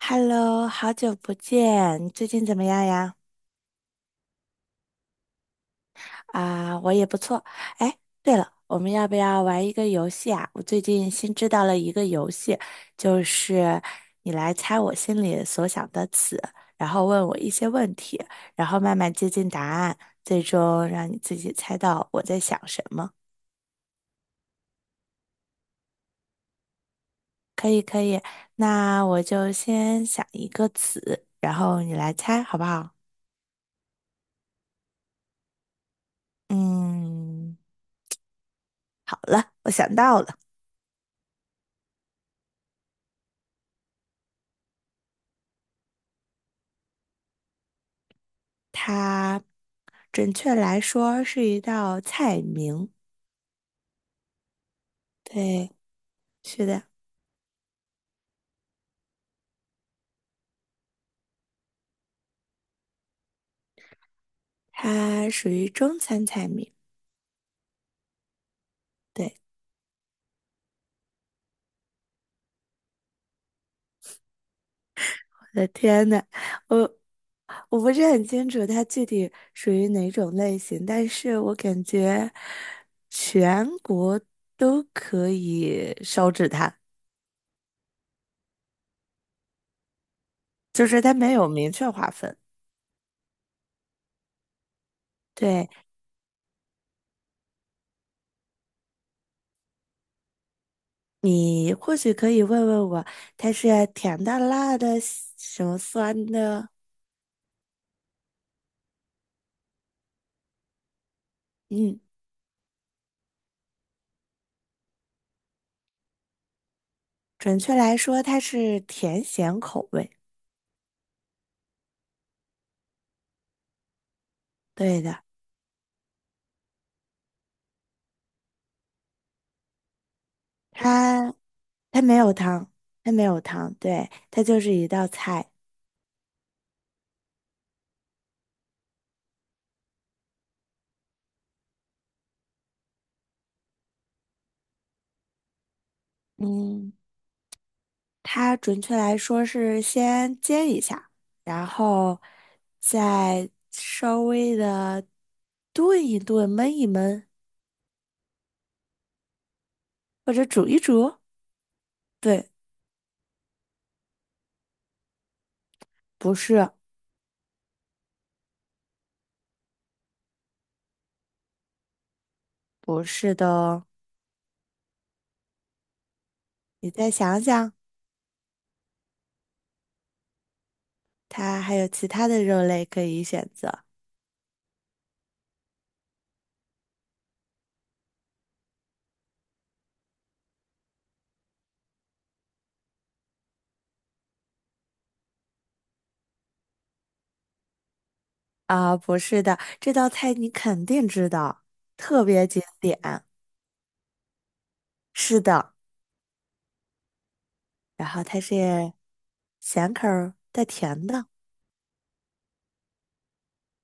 Hello，好久不见，你最近怎么样呀？啊，我也不错。哎，对了，我们要不要玩一个游戏啊？我最近新知道了一个游戏，就是你来猜我心里所想的词，然后问我一些问题，然后慢慢接近答案，最终让你自己猜到我在想什么。可以，可以。那我就先想一个词，然后你来猜，好不好？嗯，好了，我想到了，它。准确来说是一道菜名。对，是的，它属于中餐菜名。对，我的天呐，我我不是很清楚它具体属于哪种类型，但是我感觉全国都可以烧制它，就是它没有明确划分。对，你或许可以问问我，它是甜的、辣的、什么酸的？嗯。准确来说，它是甜咸口味。对的，它它没有汤，它没有汤，对，它就是一道菜。嗯，它准确来说是先煎一下，然后再稍微的炖一炖、焖一焖，或者煮一煮。对，不是，不是的哦，你再想想，它还有其他的肉类可以选择。啊，不是的，这道菜你肯定知道，特别经典。是的，然后它是咸口儿带甜的，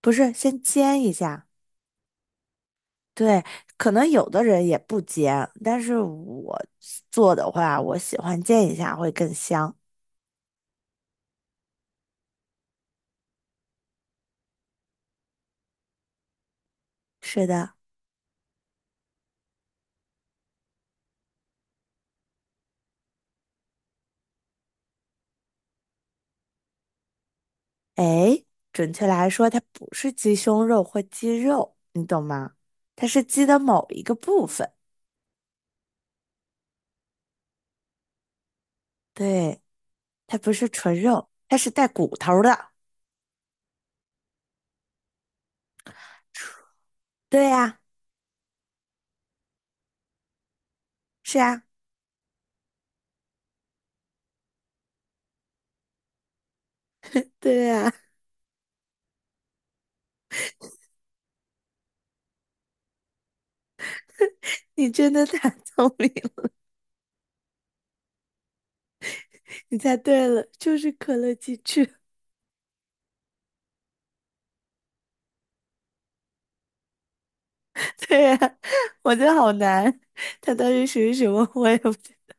不是先煎一下。对，可能有的人也不煎，但是我做的话，我喜欢煎一下会更香。是的，哎，准确来说，它不是鸡胸肉或鸡肉，你懂吗？它是鸡的某一个部分，对，它不是纯肉，它是带骨头的。对呀、是啊，对啊，你真的太聪明了，你猜对了，就是可乐鸡翅。对啊，我觉得好难，它到底属于什么 我也不知道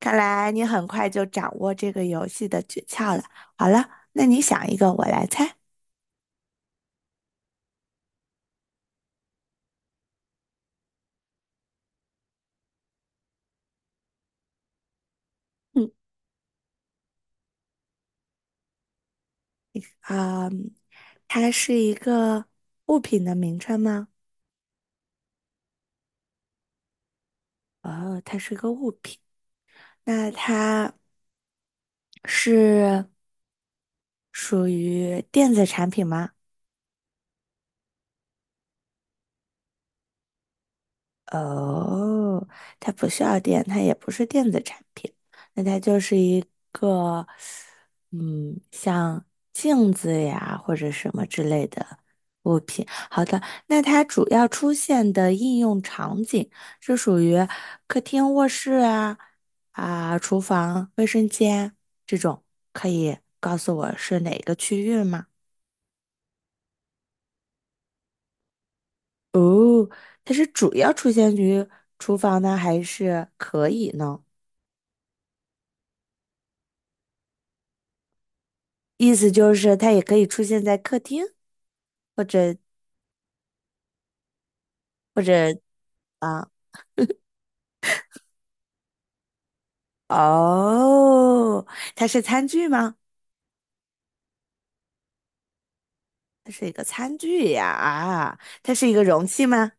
看来你很快就掌握这个游戏的诀窍了。好了，那你想一个，我来猜。嗯啊，它是一个物品的名称吗？哦，它是个物品。那它是属于电子产品吗？哦，它不需要电，它也不是电子产品，那它就是一个，嗯，像镜子呀或者什么之类的物品。好的，那它主要出现的应用场景是属于客厅、卧室啊、啊、厨房、卫生间这种，可以告诉我是哪个区域吗？它是主要出现于厨房呢，还是可以呢？意思就是它也可以出现在客厅，或者或者啊，哦，它是餐具吗？它是一个餐具呀，啊，它是一个容器吗？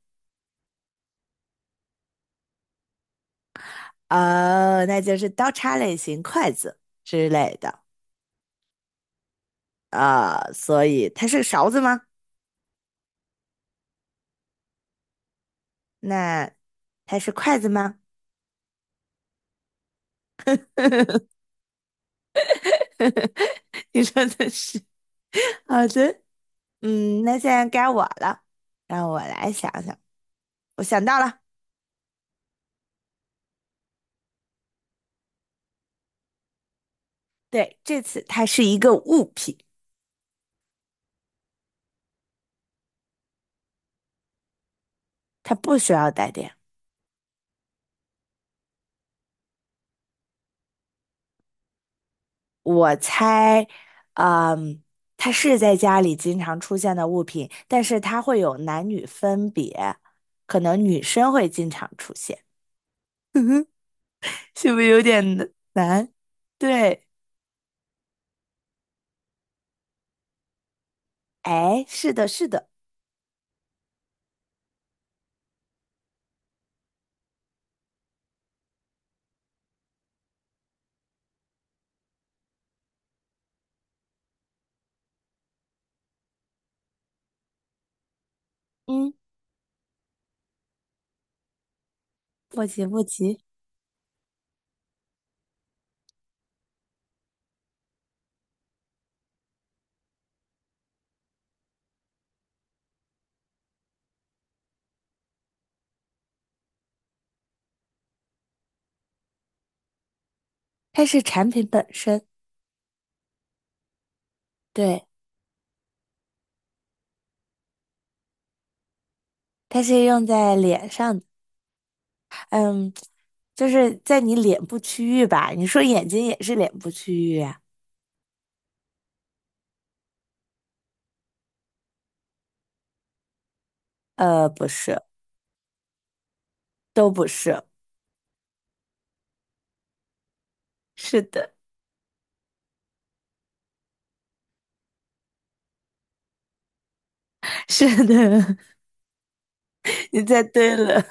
哦，那就是刀叉类型、筷子之类的啊，所以它是勺子吗？那它是筷子吗？你说的是好的，嗯，那现在该我了，让我来想想，我想到了，对，这次它是一个物品。它不需要带电。我猜，嗯，它是在家里经常出现的物品，但是它会有男女分别，可能女生会经常出现。是不是有点难？对，哎，是的，是的，嗯，不急，它是产品本身，对，它是用在脸上的，嗯，就是在你脸部区域吧？你说眼睛也是脸部区域啊？呃，不是，都不是，是的。是的，你猜对了，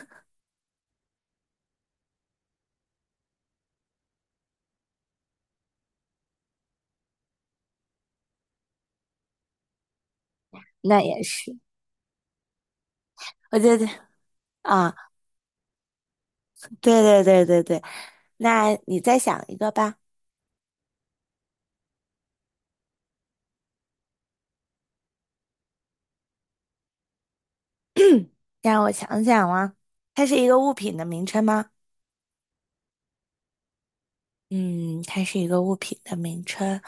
那也是。我觉得啊，对对对对对，那你再想一个吧，让我想想啊，它是一个物品的名称吗？嗯，它是一个物品的名称，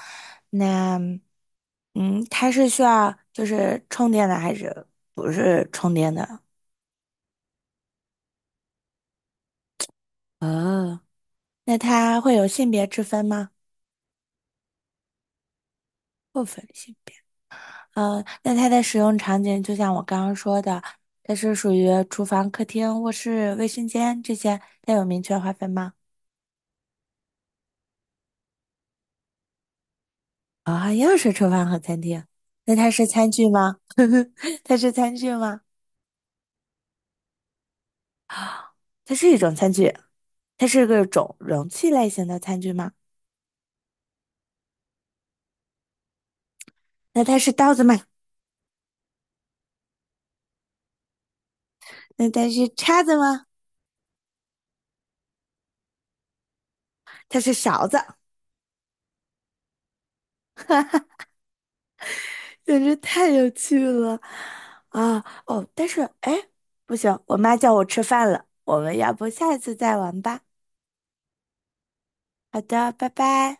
那嗯，它是需要就是充电的还是不是充电的？哦，那它会有性别之分吗？不分性。别。呃，那它的使用场景就像我刚刚说的，它是属于厨房、客厅、卧室、卫生间这些，它有明确划分吗？啊、又是厨房和餐厅，那它是餐具吗？它是餐具吗？它是一种餐具，它是个种容器类型的餐具吗？那它是刀子吗？那它是叉子吗？它是勺子，简直太有趣了啊！哦，但是哎，不行，我妈叫我吃饭了，我们要不下一次再玩吧？好的，拜拜。